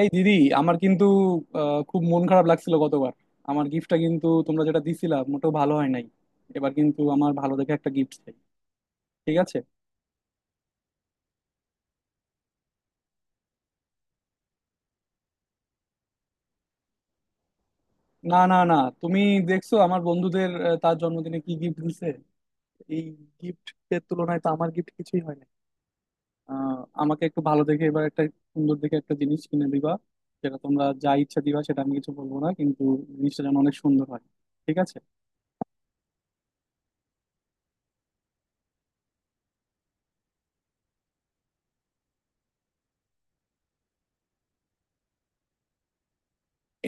এই দিদি, আমার কিন্তু খুব মন খারাপ লাগছিল গতবার। আমার গিফটটা কিন্তু তোমরা যেটা দিছিলা মোটেও ভালো হয় নাই। এবার কিন্তু আমার ভালো দেখে একটা গিফট চাই, ঠিক আছে? না, না, না, তুমি দেখছো আমার বন্ধুদের তার জন্মদিনে কি গিফট দিছে? এই গিফট এর তুলনায় তো আমার গিফট কিছুই হয় না। আহ, আমাকে একটু ভালো দেখে এবার একটা সুন্দর দেখে একটা জিনিস কিনে দিবা। যেটা তোমরা যা ইচ্ছা দিবা সেটা আমি কিছু বলবো না, কিন্তু জিনিসটা যেন অনেক সুন্দর হয়, ঠিক আছে।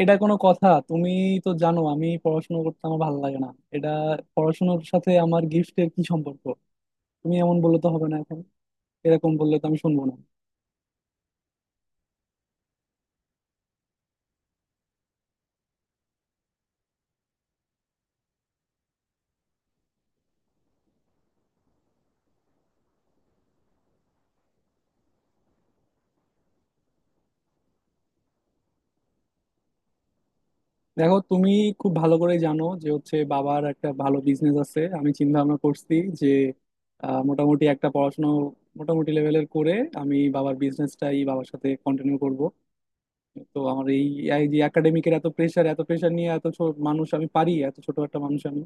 এটা কোনো কথা? তুমি তো জানো আমি পড়াশোনা করতে আমার ভালো লাগে না। এটা পড়াশোনার সাথে আমার গিফটের কি সম্পর্ক? তুমি এমন বললে তো হবে না এখন। এরকম বললে তো আমি শুনবো না। দেখো, তুমি খুব ভালো করে জানো যে হচ্ছে বাবার একটা ভালো বিজনেস আছে। আমি চিন্তা ভাবনা করছি যে মোটামুটি একটা পড়াশোনা মোটামুটি লেভেলের করে আমি বাবার বিজনেসটাই বাবার সাথে কন্টিনিউ করব। তো আমার এই এই যে একাডেমিকের এত প্রেশার, এত প্রেশার নিয়ে এত ছোট মানুষ আমি পারি? এত ছোট একটা মানুষ আমি।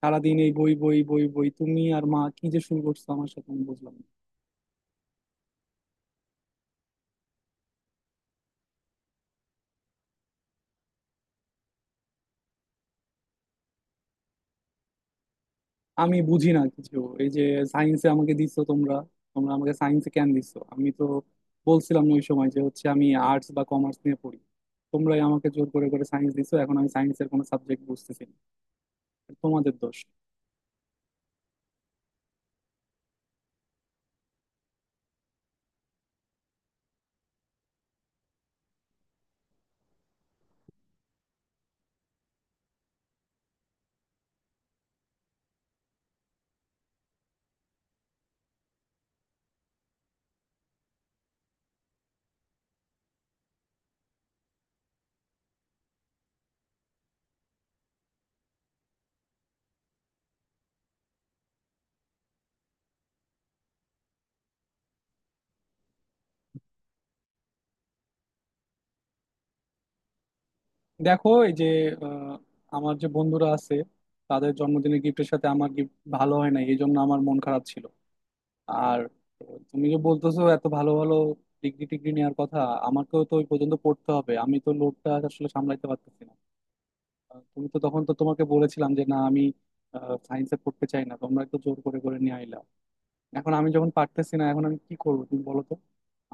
সারাদিন এই বই বই বই বই তুমি আর মা কি যে শুরু করছো আমার সাথে, আমি বুঝলাম না। আমি বুঝি না কিছু। এই যে সায়েন্সে আমাকে দিচ্ছ তোমরা, তোমরা আমাকে সায়েন্সে কেন দিচ্ছ? আমি তো বলছিলাম না ওই সময় যে হচ্ছে আমি আর্টস বা কমার্স নিয়ে পড়ি। তোমরাই আমাকে জোর করে করে সায়েন্স দিছো। এখন আমি সায়েন্সের কোনো সাবজেক্ট বুঝতেছি না। এটা তোমাদের দোষ। দেখো, এই যে আহ, আমার যে বন্ধুরা আছে তাদের জন্মদিনের গিফটের সাথে আমার গিফট ভালো হয় নাই, এই জন্য আমার মন খারাপ ছিল। আর তুমি যে বলতেছো এত ভালো ভালো ডিগ্রি টিগ্রি নেওয়ার কথা, আমাকেও তো ওই পর্যন্ত পড়তে হবে। আমি তো লোডটা আসলে সামলাইতে পারতেছি না। তুমি তো তখন তো তোমাকে বলেছিলাম যে না, আমি সায়েন্সে পড়তে চাই না। তোমরা একটু জোর করে করে নিয়ে আইলা। এখন আমি যখন পারতেছি না, এখন আমি কি করবো তুমি বলো তো।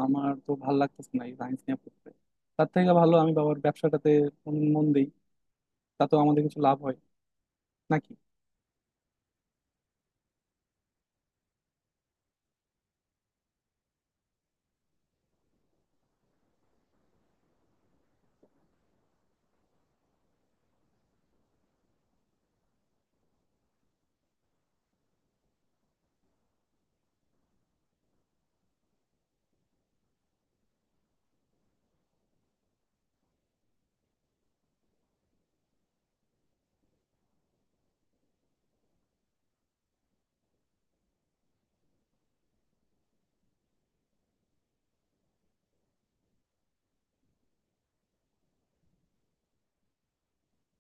আমার তো ভালো লাগতেছে না এই সায়েন্স নিয়ে পড়তে। তার থেকে ভালো আমি বাবার ব্যবসাটাতে মন মন দিই, তাতেও আমাদের কিছু লাভ হয় নাকি।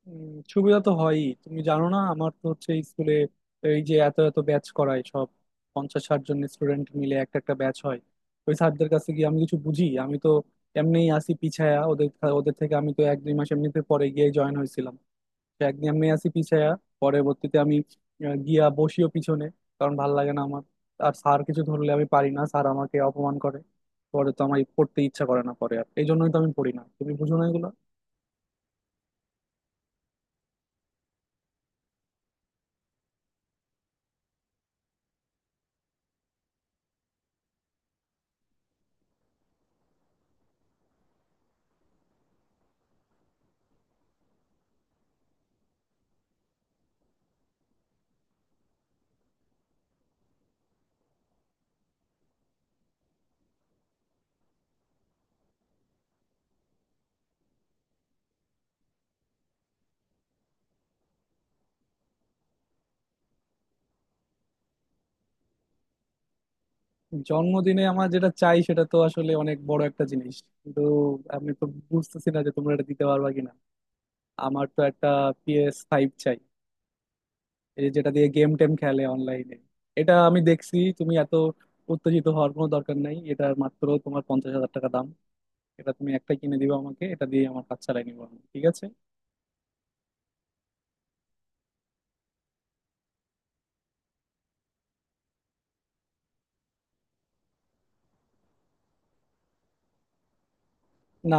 উম, সুবিধা তো হয়ই। তুমি জানো না আমার তো হচ্ছে স্কুলে এই যে এত এত ব্যাচ করায় সব, 50-60 জন স্টুডেন্ট মিলে একটা একটা ব্যাচ হয়। ওই স্যারদের কাছে গিয়ে আমি কিছু বুঝি? আমি তো এমনিই আসি পিছায়া। ওদের ওদের থেকে আমি তো 1-2 মাস এমনিতে পরে গিয়ে জয়েন হয়েছিলাম। তো একদিন আমি আছি পিছায়া। পরবর্তীতে আমি গিয়া বসিও পিছনে, কারণ ভাল লাগে না আমার। আর স্যার কিছু ধরলে আমি পারি না, স্যার আমাকে অপমান করে। পরে তো আমার পড়তে ইচ্ছা করে না পরে, আর এই জন্যই তো আমি পড়ি না। তুমি বুঝো না এগুলো। জন্মদিনে আমার যেটা চাই সেটা তো আসলে অনেক বড় একটা জিনিস। কিন্তু আমি তো বুঝতেছি না যে তোমরা এটা দিতে পারবা কিনা। আমার তো একটা PS5 চাই। এই যে যেটা দিয়ে গেম টেম খেলে অনলাইনে। এটা আমি দেখছি তুমি এত উত্তেজিত হওয়ার কোনো দরকার নাই, এটা মাত্র তোমার 50,000 টাকা দাম। এটা তুমি একটা কিনে দিবে আমাকে, এটা দিয়ে আমার কাজ চালাই নিবো আমি, ঠিক আছে? না,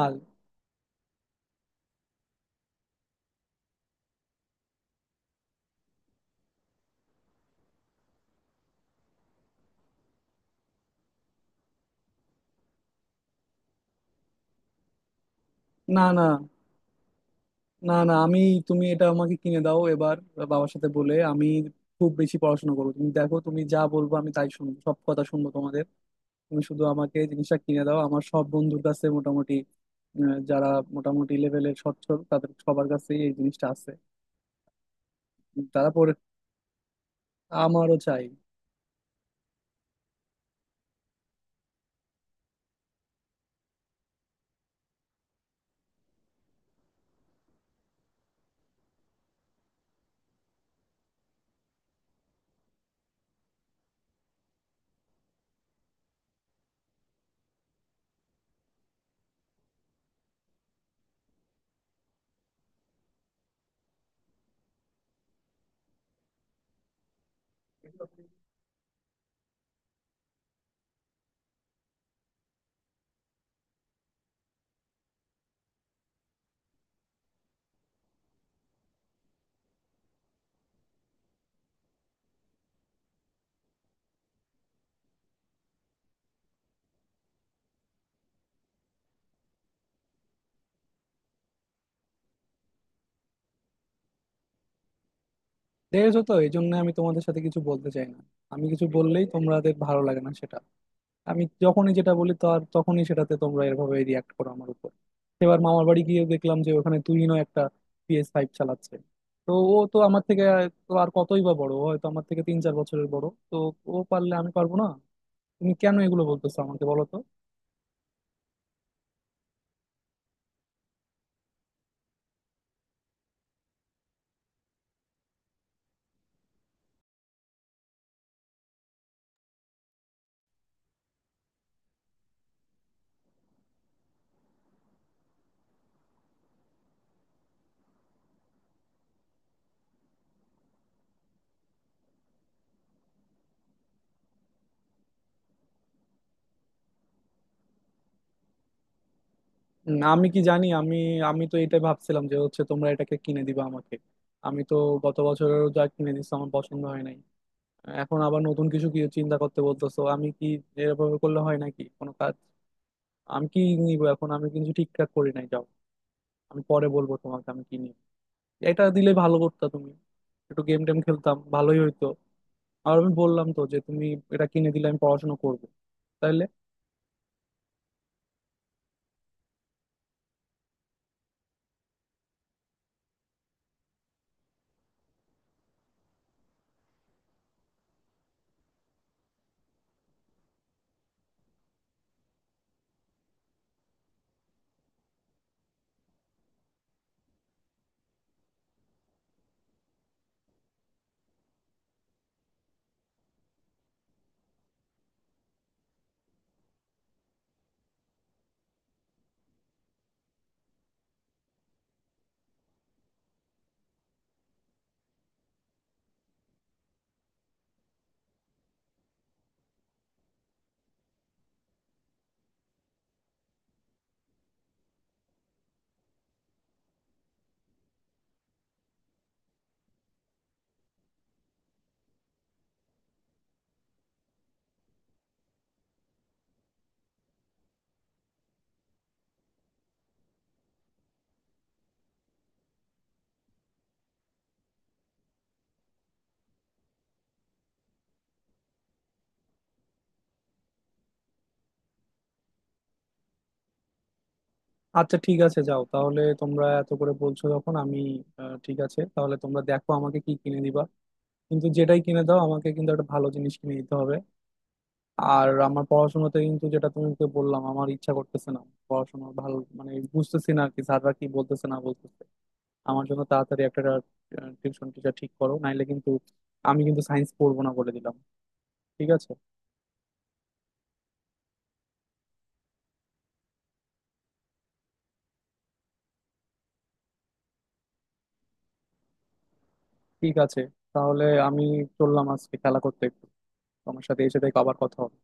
না, না, না, না, আমি তুমি এটা আমাকে কিনে দাও এবার। বাবার সাথে বলে আমি খুব বেশি পড়াশোনা করবো, তুমি দেখো। তুমি যা বলবো আমি তাই শুনবো, সব কথা শুনবো তোমাদের। তুমি শুধু আমাকে এই জিনিসটা কিনে দাও। আমার সব বন্ধুর কাছে মোটামুটি যারা মোটামুটি লেভেলের সচ্ছল তাদের সবার কাছেই এই জিনিসটা আছে। তারা পরে আমারও চাই। দেখেছো তো, এই জন্য আমি তোমাদের সাথে কিছু বলতে চাই না। আমি কিছু বললেই তোমাদের ভালো লাগে না সেটা। আমি যখনই যেটা বলি তার তখনই সেটাতে তোমরা এভাবে রিয়াক্ট করো আমার উপর। এবার মামার বাড়ি গিয়ে দেখলাম যে ওখানে তুহিনও একটা PS5 চালাচ্ছে। তো ও তো আমার থেকে তো আর কতই বা বড়? ও হয়তো আমার থেকে 3-4 বছরের বড়। তো ও পারলে আমি পারবো না? তুমি কেন এগুলো বলতেছো আমাকে বলো তো। না, আমি কি জানি? আমি আমি তো এটা ভাবছিলাম যে হচ্ছে তোমরা এটাকে কিনে দিবা আমাকে। আমি তো গত বছরেরও যা কিনে দিছো আমার পছন্দ হয় নাই। এখন আবার নতুন কিছু কি চিন্তা করতে বলতেছো? আমি কি এরকম করলে হয় নাকি কোনো কাজ? আমি কি নিবো এখন আমি কিন্তু ঠিকঠাক করি নাই, যাও। আমি পরে বলবো তোমাকে আমি কি নিব। এটা দিলে ভালো করতা তুমি, একটু গেম টেম খেলতাম ভালোই হইতো। আর আমি বললাম তো যে তুমি এটা কিনে দিলে আমি পড়াশোনা করবো তাহলে। আচ্ছা, ঠিক আছে, যাও তাহলে। তোমরা এত করে বলছো যখন, আমি ঠিক আছে। তাহলে তোমরা দেখো আমাকে কি কিনে দিবা, কিন্তু যেটাই কিনে দাও আমাকে কিন্তু একটা ভালো জিনিস কিনে দিতে হবে। আর আমার পড়াশোনাতে কিন্তু, যেটা তোমাকে বললাম, আমার ইচ্ছা করতেছে না। পড়াশোনা ভালো মানে বুঝতেছি না আর কি, স্যাররা কি বলতেছে না বলতেছে। আমার জন্য তাড়াতাড়ি একটা টিউশন টিচার ঠিক করো, নাইলে কিন্তু আমি কিন্তু সায়েন্স পড়বো না বলে দিলাম, ঠিক আছে? ঠিক আছে, তাহলে আমি চললাম আজকে খেলা করতে একটু। তোমার সাথে এসে দেখো আবার কথা হবে।